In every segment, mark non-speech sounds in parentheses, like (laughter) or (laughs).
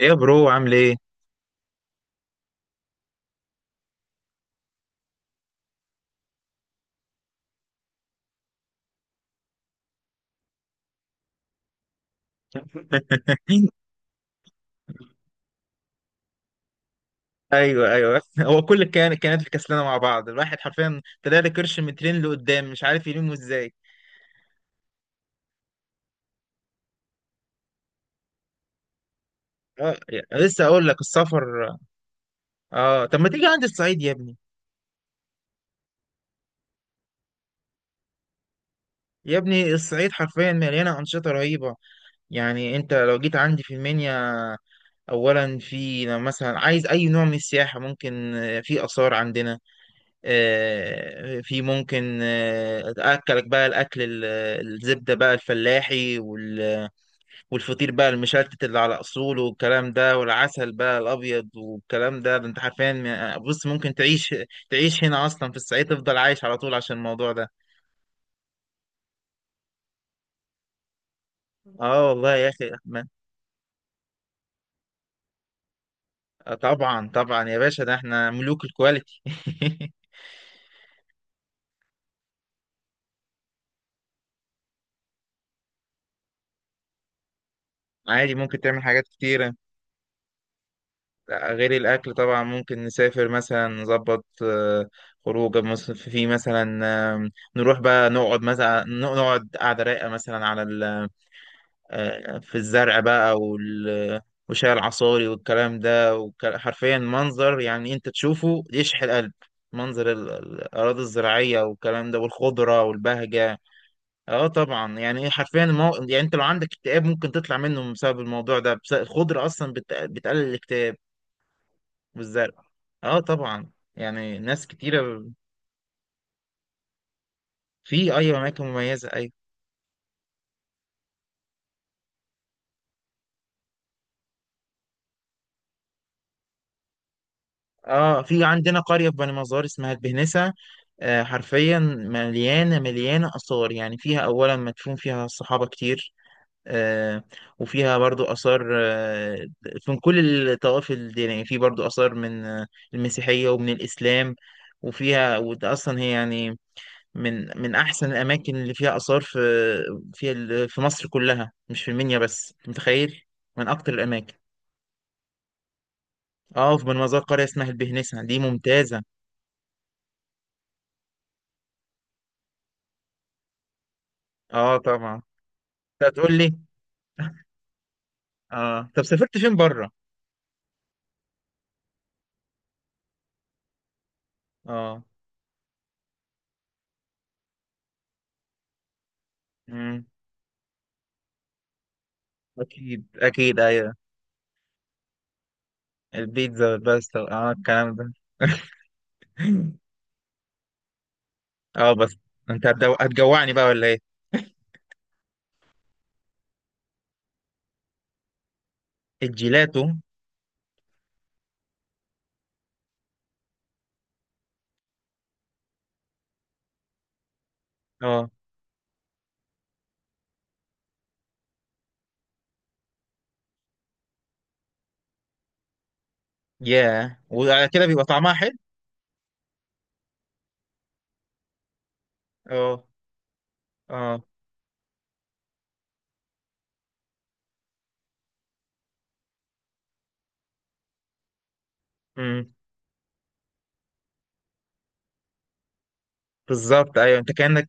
ايه يا برو عامل ايه؟ (laughs) ايوه، ايوه، هو كل كانت في كسلانه مع بعض. الواحد حرفيا طلع لي كرش من ترين لقدام، مش عارف يلمه ازاي. اه، يعني لسه اقول لك السفر. اه، طب ما تيجي عندي الصعيد يا ابني. يا ابني الصعيد حرفيا مليانه انشطه رهيبه. يعني انت لو جيت عندي في المنيا، اولا في، لو مثلا عايز اي نوع من السياحه، ممكن في اثار عندنا. في ممكن اكلك بقى الاكل الزبده بقى الفلاحي والفطير بقى المشلتت اللي على اصوله، والكلام ده، والعسل بقى الابيض والكلام ده. ده انت حرفيا بص، ممكن تعيش هنا اصلا في الصعيد، تفضل عايش على طول عشان الموضوع ده. اه والله يا اخي احمد. آه، طبعا طبعا يا باشا، ده احنا ملوك الكواليتي. (laughs) عادي، ممكن تعمل حاجات كتيرة غير الأكل طبعا. ممكن نسافر مثلا، نظبط خروجة في مثلا، آم، نروح بقى نقعد قعدة رايقة مثلا على في الزرع بقى وشاي العصاري والكلام ده، حرفيا منظر، يعني انت تشوفه يشحن القلب. منظر الأراضي الزراعية والكلام ده، والخضرة والبهجة. اه طبعا، يعني ايه حرفيا يعني انت لو عندك اكتئاب ممكن تطلع منه بسبب الموضوع ده. بس الخضرة اصلا بتقلل الاكتئاب. والزرع. اه طبعا. يعني ناس كتيرة. في، ايوه، اماكن مميزة، ايوه. اه، في عندنا قرية في بني مزار اسمها البهنسة. حرفيا مليانة مليانة آثار. يعني فيها أولا مدفون فيها الصحابة كتير. آه، وفيها برضو آثار. من كل الطوائف الدينية، في برضو آثار من المسيحية ومن الإسلام. وفيها، وده أصلا هي يعني من أحسن الأماكن اللي فيها آثار في في مصر كلها، مش في المنيا بس. أنت متخيل؟ من أكتر الأماكن. اه، في مزار قرية اسمها البهنسة دي ممتازة. اه طبعا. أنت هتقول لي. اه، طب سافرت فين بره؟ اه. مم. أكيد، أكيد، أيوة. البيتزا والباستا، الكلام ده. (laughs) أه بس. أنت هتجوعني بقى ولا إيه؟ الجيلاتو. أه. ياه، وعلى كده بيبقى طعمها حلو. أه. أه. مم. بالظبط، أيوة، أنت كأنك.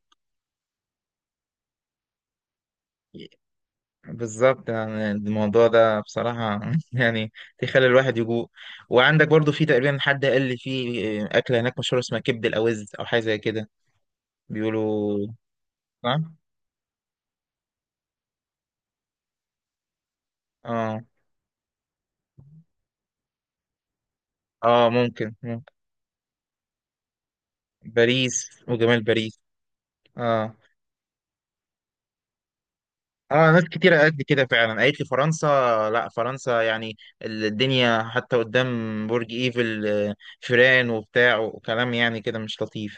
بالظبط، يعني الموضوع ده بصراحة (laughs) يعني تخلي الواحد يجوع. وعندك برضو في تقريبا، حد قال لي في أكلة هناك مشهورة اسمها كبد الأوز أو حاجة زي كده. بيقولوا. صح؟ أه. أه ممكن. باريس وجمال باريس. اه. اه، ناس كتير قالت لي كده فعلا، قالت لي فرنسا. لا فرنسا يعني الدنيا حتى قدام. برج ايفل، فيران وبتاع وكلام، يعني كده مش لطيف.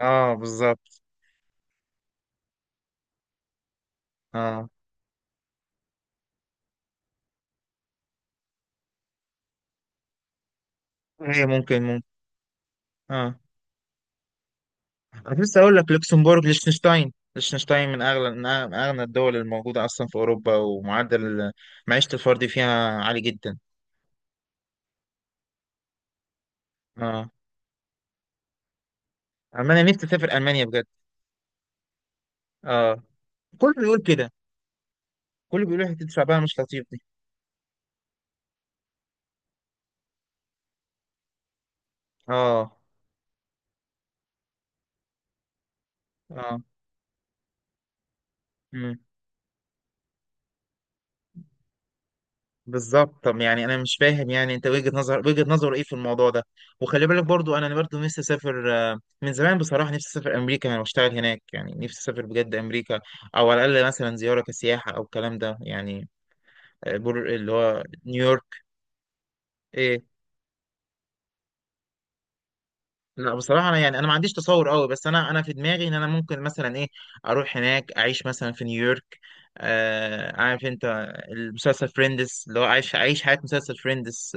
اه بالظبط. اه. هي ممكن ممكن. اه، كنت لسه اقول لك لوكسمبورغ، ليechtenstein. ليechtenstein من اغلى من اغنى الدول الموجوده اصلا في اوروبا. ومعدل معيشه الفرد فيها عالي جدا. اه. المانيا، نفسي اسافر المانيا بجد. اه. كله بيقول كده. كله بيقول حته شعبها مش لطيف. اه. اه. امم. بالظبط. طب يعني انا مش فاهم، يعني انت وجهة نظر ايه في الموضوع ده. وخلي بالك برضو، انا برضو نفسي اسافر من زمان بصراحة. نفسي اسافر امريكا، يعني واشتغل هناك. يعني نفسي اسافر بجد امريكا، او على الاقل مثلا زيارة كسياحة او الكلام ده يعني. بور اللي هو نيويورك. ايه. لا بصراحة انا يعني، انا ما عنديش تصور قوي، بس انا في دماغي ان انا ممكن مثلا ايه، اروح هناك اعيش مثلا في نيويورك. آه عارف انت المسلسل فريندس، اللي هو عايش حياة مسلسل فريندس.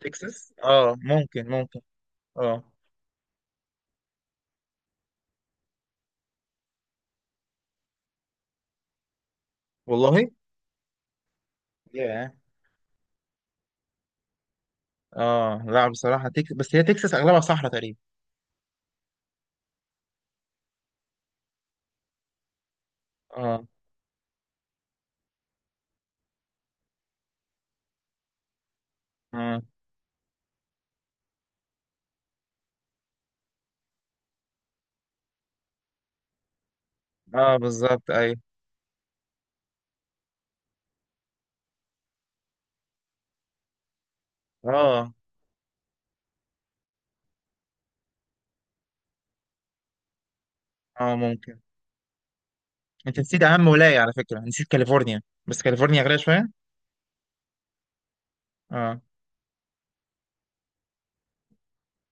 تكساس، اه ممكن ممكن. اه. والله. ياه. اه، لا بصراحة تكساس، بس هي تكساس اغلبها صحراء تقريبا. اه. اه. اه بالظبط، ايوه. اه. اه ممكن. انت نسيت اهم ولاية على فكرة، نسيت كاليفورنيا. بس كاليفورنيا غالية شوية. اه.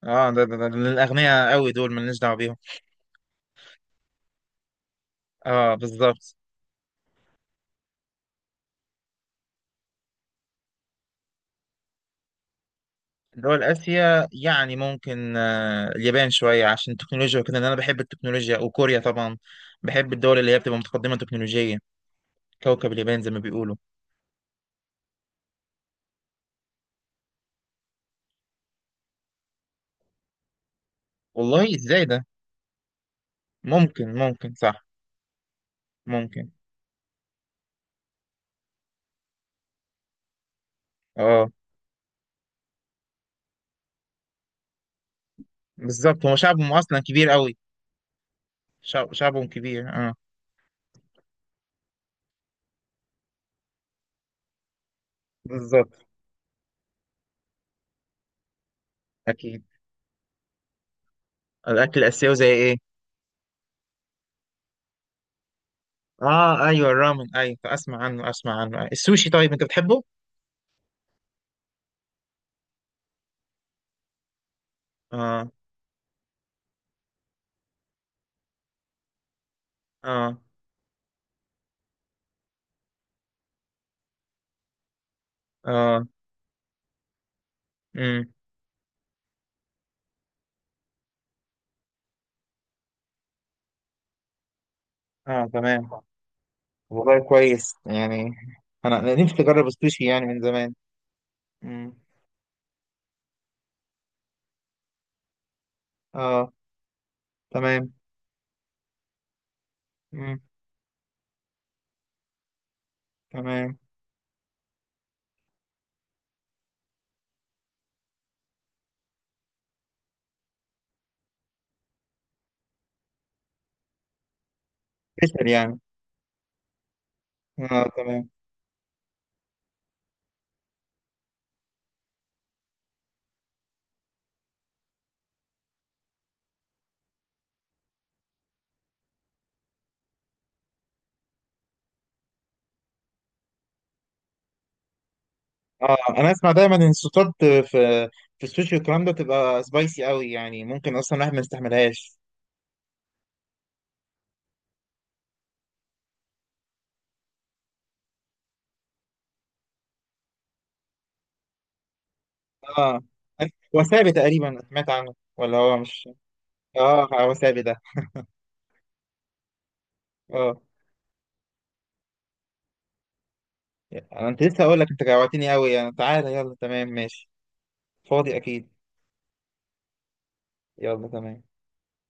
اه، ده الاغنياء قوي، دول مالناش دعوة بيهم. اه بالظبط. دول اسيا، يعني ممكن، آه، اليابان شوية عشان التكنولوجيا وكده لان انا بحب التكنولوجيا، وكوريا طبعا. بحب الدول اللي هي بتبقى متقدمة تكنولوجيا. كوكب اليابان زي ما بيقولوا. والله ازاي ده؟ ممكن، ممكن صح. ممكن. اه بالظبط، هو شعبهم اصلا كبير قوي. شعبهم كبير، اه. بالظبط. اكيد. الاكل الاسيوي زي ايه؟ اه، ايوه الرامن، ايوه، اسمع عنه، اسمع عنه. السوشي طيب انت بتحبه؟ اه. اه. اه. امم. اه تمام. والله كويس يعني. أنا نفسي اجرب السوشي يعني من زمان. امم. اه تمام. امم. تمام. فشل يعني. اه تمام. اه، انا اسمع دايما ان الصوصات في السوشي والكلام ده بتبقى سبايسي قوي، يعني ممكن اصلا الواحد ما يستحملهاش. اه وسابي تقريبا سمعت عنه، ولا هو مش. اه وسابي ده. اه يعني انا، انت لسه اقول لك انت جوعتني قوي يعني. تعالى يلا، تمام ماشي. فاضي اكيد. يلا تمام.